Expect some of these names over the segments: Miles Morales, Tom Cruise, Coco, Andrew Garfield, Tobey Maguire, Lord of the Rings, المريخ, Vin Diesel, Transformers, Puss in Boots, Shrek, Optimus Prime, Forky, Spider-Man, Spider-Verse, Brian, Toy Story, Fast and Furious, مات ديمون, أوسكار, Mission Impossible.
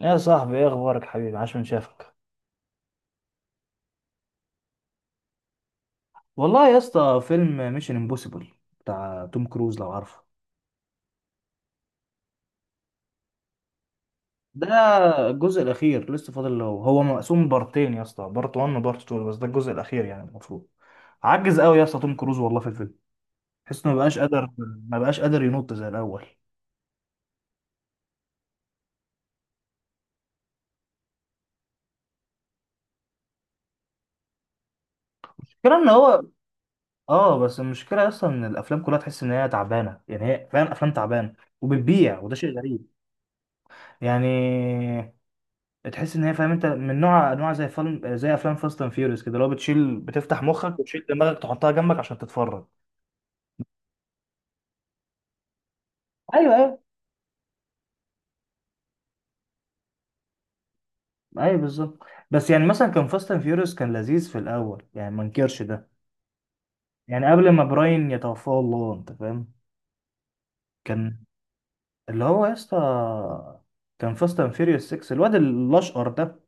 يا صاحبي ايه اخبارك حبيبي؟ عاش من شافك. والله يا اسطى فيلم ميشن امبوسيبل بتاع توم كروز لو عارفه. ده الجزء الاخير لسه فاضل له، هو مقسوم بارتين يا اسطى، بارت 1 وبارت 2، بس ده الجزء الاخير يعني المفروض. عجز قوي يا اسطى توم كروز والله في الفيلم، تحس انه مبقاش قادر، ينط زي الاول. المشكله ان هو، اه بس المشكله اصلا ان الافلام كلها تحس ان هي تعبانه، يعني هي فعلا افلام تعبانه وبتبيع، وده شيء غريب. يعني تحس ان هي، فاهم انت، من نوع انواع زي فيلم، زي افلام فاست اند فيوريوس كده، اللي هو بتشيل بتفتح مخك وتشيل دماغك تحطها جنبك عشان تتفرج. ايوه، ايوه، ايوه بالظبط. بس يعني مثلا كان فاست اند فيوريوس كان لذيذ في الاول، يعني ما انكرش ده. يعني قبل ما براين يتوفاه الله، انت فاهم؟ كان، اللي هو يا اسطى، كان فاست اند فيوريوس 6 الواد الاشقر ده.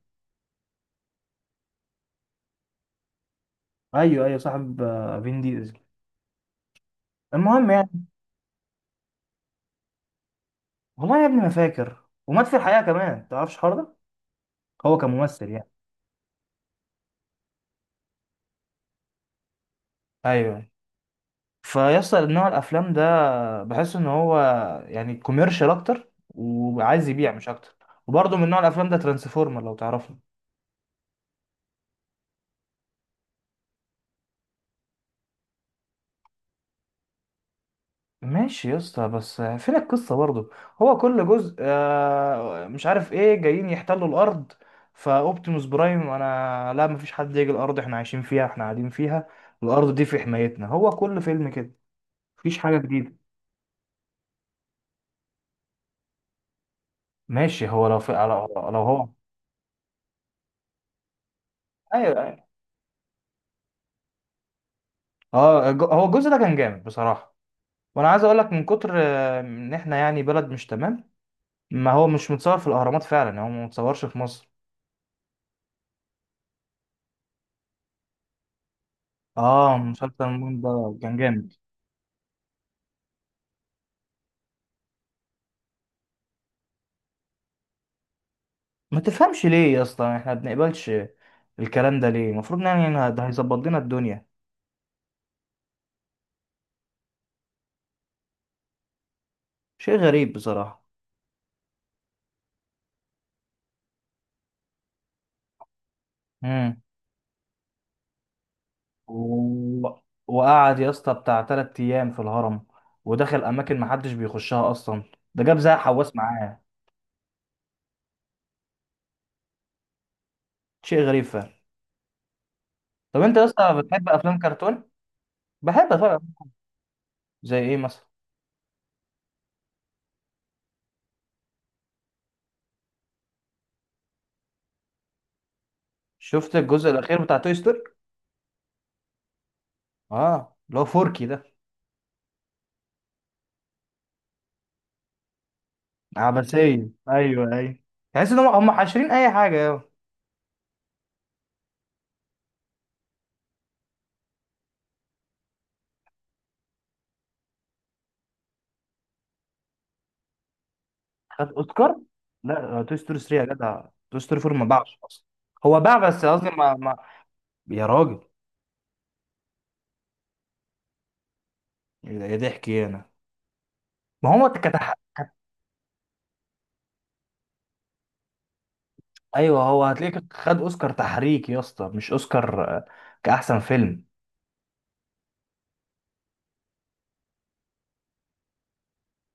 ايوه ايوه صاحب، فين ديزل، المهم يعني. والله يا ابني ما فاكر. ومات في الحقيقه كمان، ما تعرفش الحوار ده، هو كممثل يعني. ايوه. فيصل نوع الافلام ده بحس ان هو يعني كوميرشال اكتر وعايز يبيع مش اكتر. وبرضه من نوع الافلام ده ترانسفورمر لو تعرفه. ماشي يا اسطى، بس فين القصه برضه؟ هو كل جزء، مش عارف ايه، جايين يحتلوا الارض، فاوبتيموس برايم، انا لا، مفيش حد يجي الارض، احنا عايشين فيها، احنا قاعدين فيها، الارض دي في حمايتنا. هو كل فيلم كده، مفيش حاجه جديده. ماشي، هو لو في لو هو، ايوه أيوة. هو الجزء ده كان جامد بصراحه. وانا عايز اقول لك من كتر، ان احنا يعني بلد مش تمام. ما هو مش متصور في الاهرامات فعلا، يعني هو ما متصورش في مصر. اه مسلسل مومباي ده كان جامد. ما تفهمش ليه يا اسطى احنا ما بنقبلش الكلام ده؟ ليه؟ المفروض يعني إن ده هيظبط لنا الدنيا. شيء غريب بصراحة. امم و... وقعد يا اسطى بتاع تلات ايام في الهرم، ودخل اماكن ما حدش بيخشها اصلا، ده جاب زي حواس معاه. شيء غريب فعلا. طب انت يا اسطى بتحب افلام كرتون؟ بحب اتفرج. زي ايه مثلا؟ شفت الجزء الاخير بتاع توي ستوري؟ اه، اللي هو فوركي ده. عبثية، ايوه ايوه. تحس ان هم حاشرين اي حاجة أوي. خد اوسكار؟ لا، توي ستوري 3 يا جدع. توي ستوري 4 ما باعش اصلا. هو باع بس قصدي، ما ما يا راجل. يا ضحك إيه انا، ما هو كتح، ايوه، هو هتلاقيك خد اوسكار تحريك يا اسطى، مش اوسكار، كاحسن فيلم.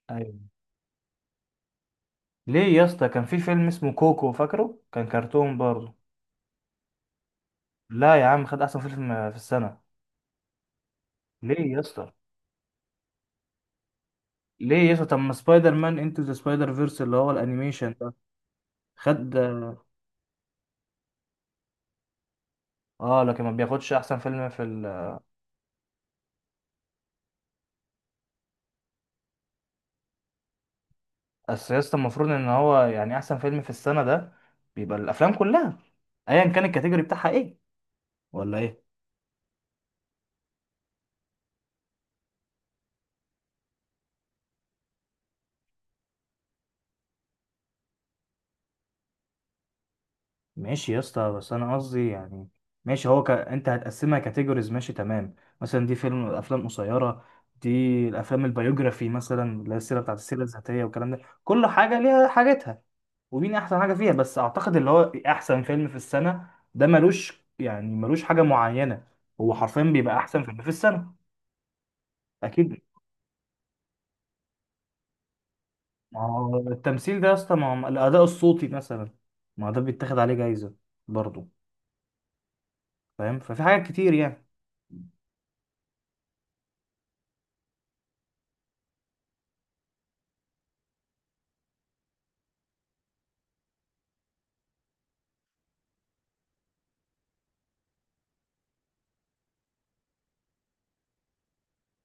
ايوه. ليه يا اسطى؟ كان في فيلم اسمه كوكو، فاكره؟ كان كرتون برضه. لا يا عم، خد احسن فيلم في السنه. ليه يا اسطى؟ ليه يسطا؟ طب ما سبايدر مان انتو ذا سبايدر فيرس اللي هو الانيميشن ده خد. اه، لكن ما بياخدش احسن فيلم في ال... اصل يسطا المفروض ان هو يعني احسن فيلم في السنة ده بيبقى الافلام كلها، ايا كان الكاتيجوري بتاعها ايه، ولا ايه؟ ماشي يا اسطى، بس انا قصدي يعني، ماشي، هو ك... انت هتقسمها كاتيجوريز، ماشي تمام. مثلا دي فيلم افلام قصيره، دي الافلام البيوجرافي مثلا اللي هي السيره بتاعت السيره الذاتيه والكلام ده. كل حاجه ليها حاجتها، ومين احسن حاجه فيها. بس اعتقد اللي هو احسن فيلم في السنه ده ملوش، يعني ملوش حاجه معينه، هو حرفيا بيبقى احسن فيلم في السنه. اكيد. ما هو التمثيل ده يا اسطى، ما هو الاداء الصوتي مثلا، ما هو ده بيتاخد عليه جايزه برضه. فاهم؟ ففي حاجات كتير يعني.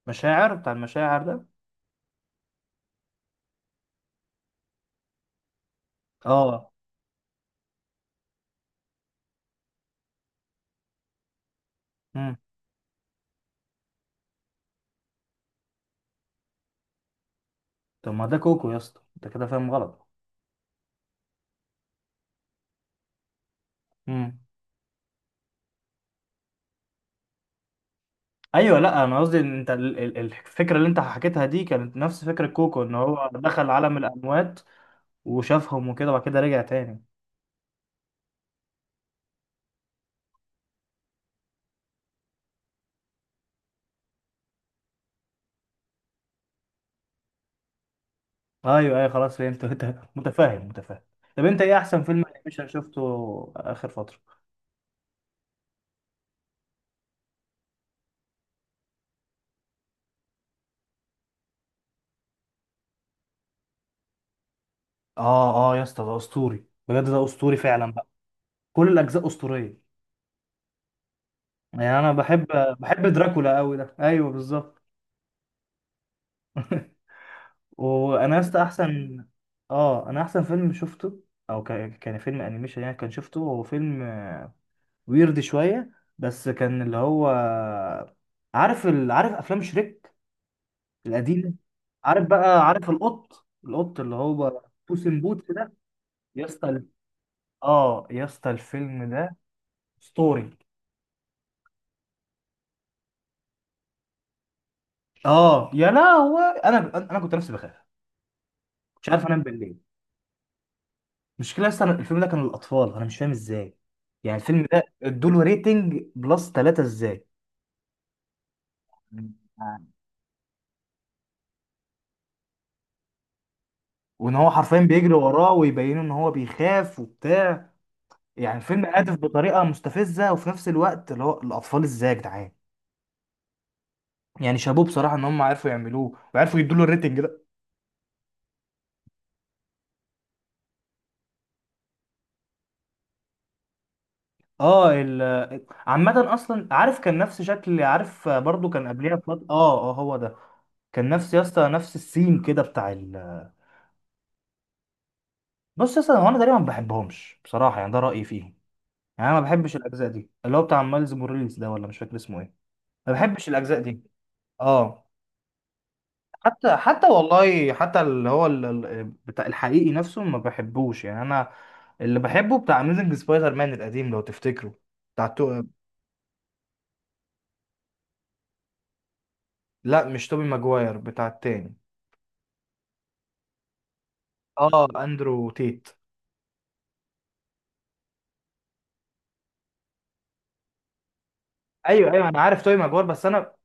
مشاعر، بتاع المشاعر ده. اه. امم طب ما ده كوكو يا اسطى، انت كده فاهم غلط. امم ايوه، لا انا قصدي ان انت، الفكره اللي انت حكيتها دي كانت نفس فكره كوكو، ان هو دخل عالم الاموات وشافهم وكده، وبعد كده رجع تاني. ايوه ايوه خلاص فهمت انت. متفاهم متفاهم. طب انت ايه احسن فيلم انيميشن شفته اخر فتره؟ اه يا اسطى، ده اسطوري بجد، ده اسطوري فعلا بقى. كل الاجزاء اسطوريه. يعني انا بحب، بحب دراكولا قوي ده، ايوه بالظبط. وانا يا اسطى فيلم احسن. اه، انا احسن فيلم شفته او كان، كان فيلم انيميشن يعني، كان شفته هو فيلم ويرد شويه. بس كان اللي هو، عارف ال...، عارف افلام شريك القديمه؟ عارف بقى، عارف القط اللي هو بوس ان بوتس ده، يا اسطى اه يا اسطى الفيلم ده ستوري. اه يا، لا هو انا، انا كنت نفسي بخاف، مش عارف انام بالليل. المشكلة اصلا الفيلم ده كان للأطفال، أنا مش فاهم إزاي. يعني الفيلم ده ادوله ريتنج بلس ثلاثة إزاي؟ وإن هو حرفيا بيجري وراه ويبينه إن هو بيخاف وبتاع. يعني الفيلم هادف بطريقة مستفزة، وفي نفس الوقت اللي هو الأطفال إزاي يا جدعان؟ يعني شابوه بصراحة إن هم عرفوا يعملوه وعرفوا يدوله الريتنج ده. اه ال عامة أصلا عارف كان نفس شكل، عارف، برضو كان قبليها بفضل، هو ده. كان نفس يا اسطى نفس السيم كده بتاع ال... بص يا اسطى، هو انا تقريبا ما بحبهمش بصراحه، يعني ده رايي فيهم. يعني انا ما بحبش الاجزاء دي اللي هو بتاع مايلز موريلز ده، ولا مش فاكر اسمه ايه. ما بحبش الاجزاء دي. اه. حتى والله حتى اللي هو، بتاع الحقيقي نفسه ما بحبوش، يعني انا اللي بحبه بتاع اميزنج سبايدر مان القديم لو تفتكره، بتاع تو... لا مش توبي ماجواير، بتاع التاني. اه اندرو تيت. ايوه ايوه انا عارف توبي ماجواير. بس انا،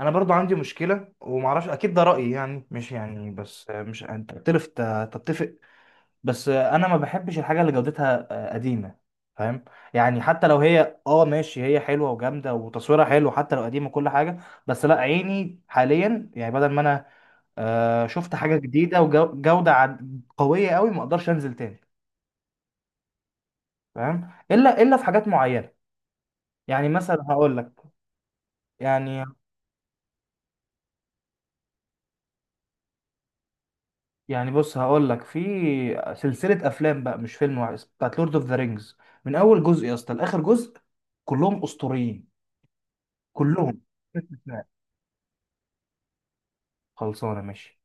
انا برضو عندي مشكله، ومعرفش اكيد ده رايي يعني، مش يعني بس، مش انت تختلف تتفق. بس انا ما بحبش الحاجه اللي جودتها، قديمه، فاهم؟ يعني حتى لو هي اه ماشي، هي حلوه وجامده وتصويرها حلو حتى لو قديمه كل حاجه، بس لا عيني حاليا يعني، بدل ما انا شفت حاجه جديده وجوده قويه قوي، ما اقدرش انزل تاني. فاهم؟ الا الا في حاجات معينه يعني، مثلا هقول لك. يعني يعني بص هقول لك، في سلسله افلام بقى، مش فيلم واحد، بتاعت لورد اوف ذا رينجز. من اول جزء يا اسطى لاخر جزء كلهم اسطوريين، كلهم. خلصانة ماشي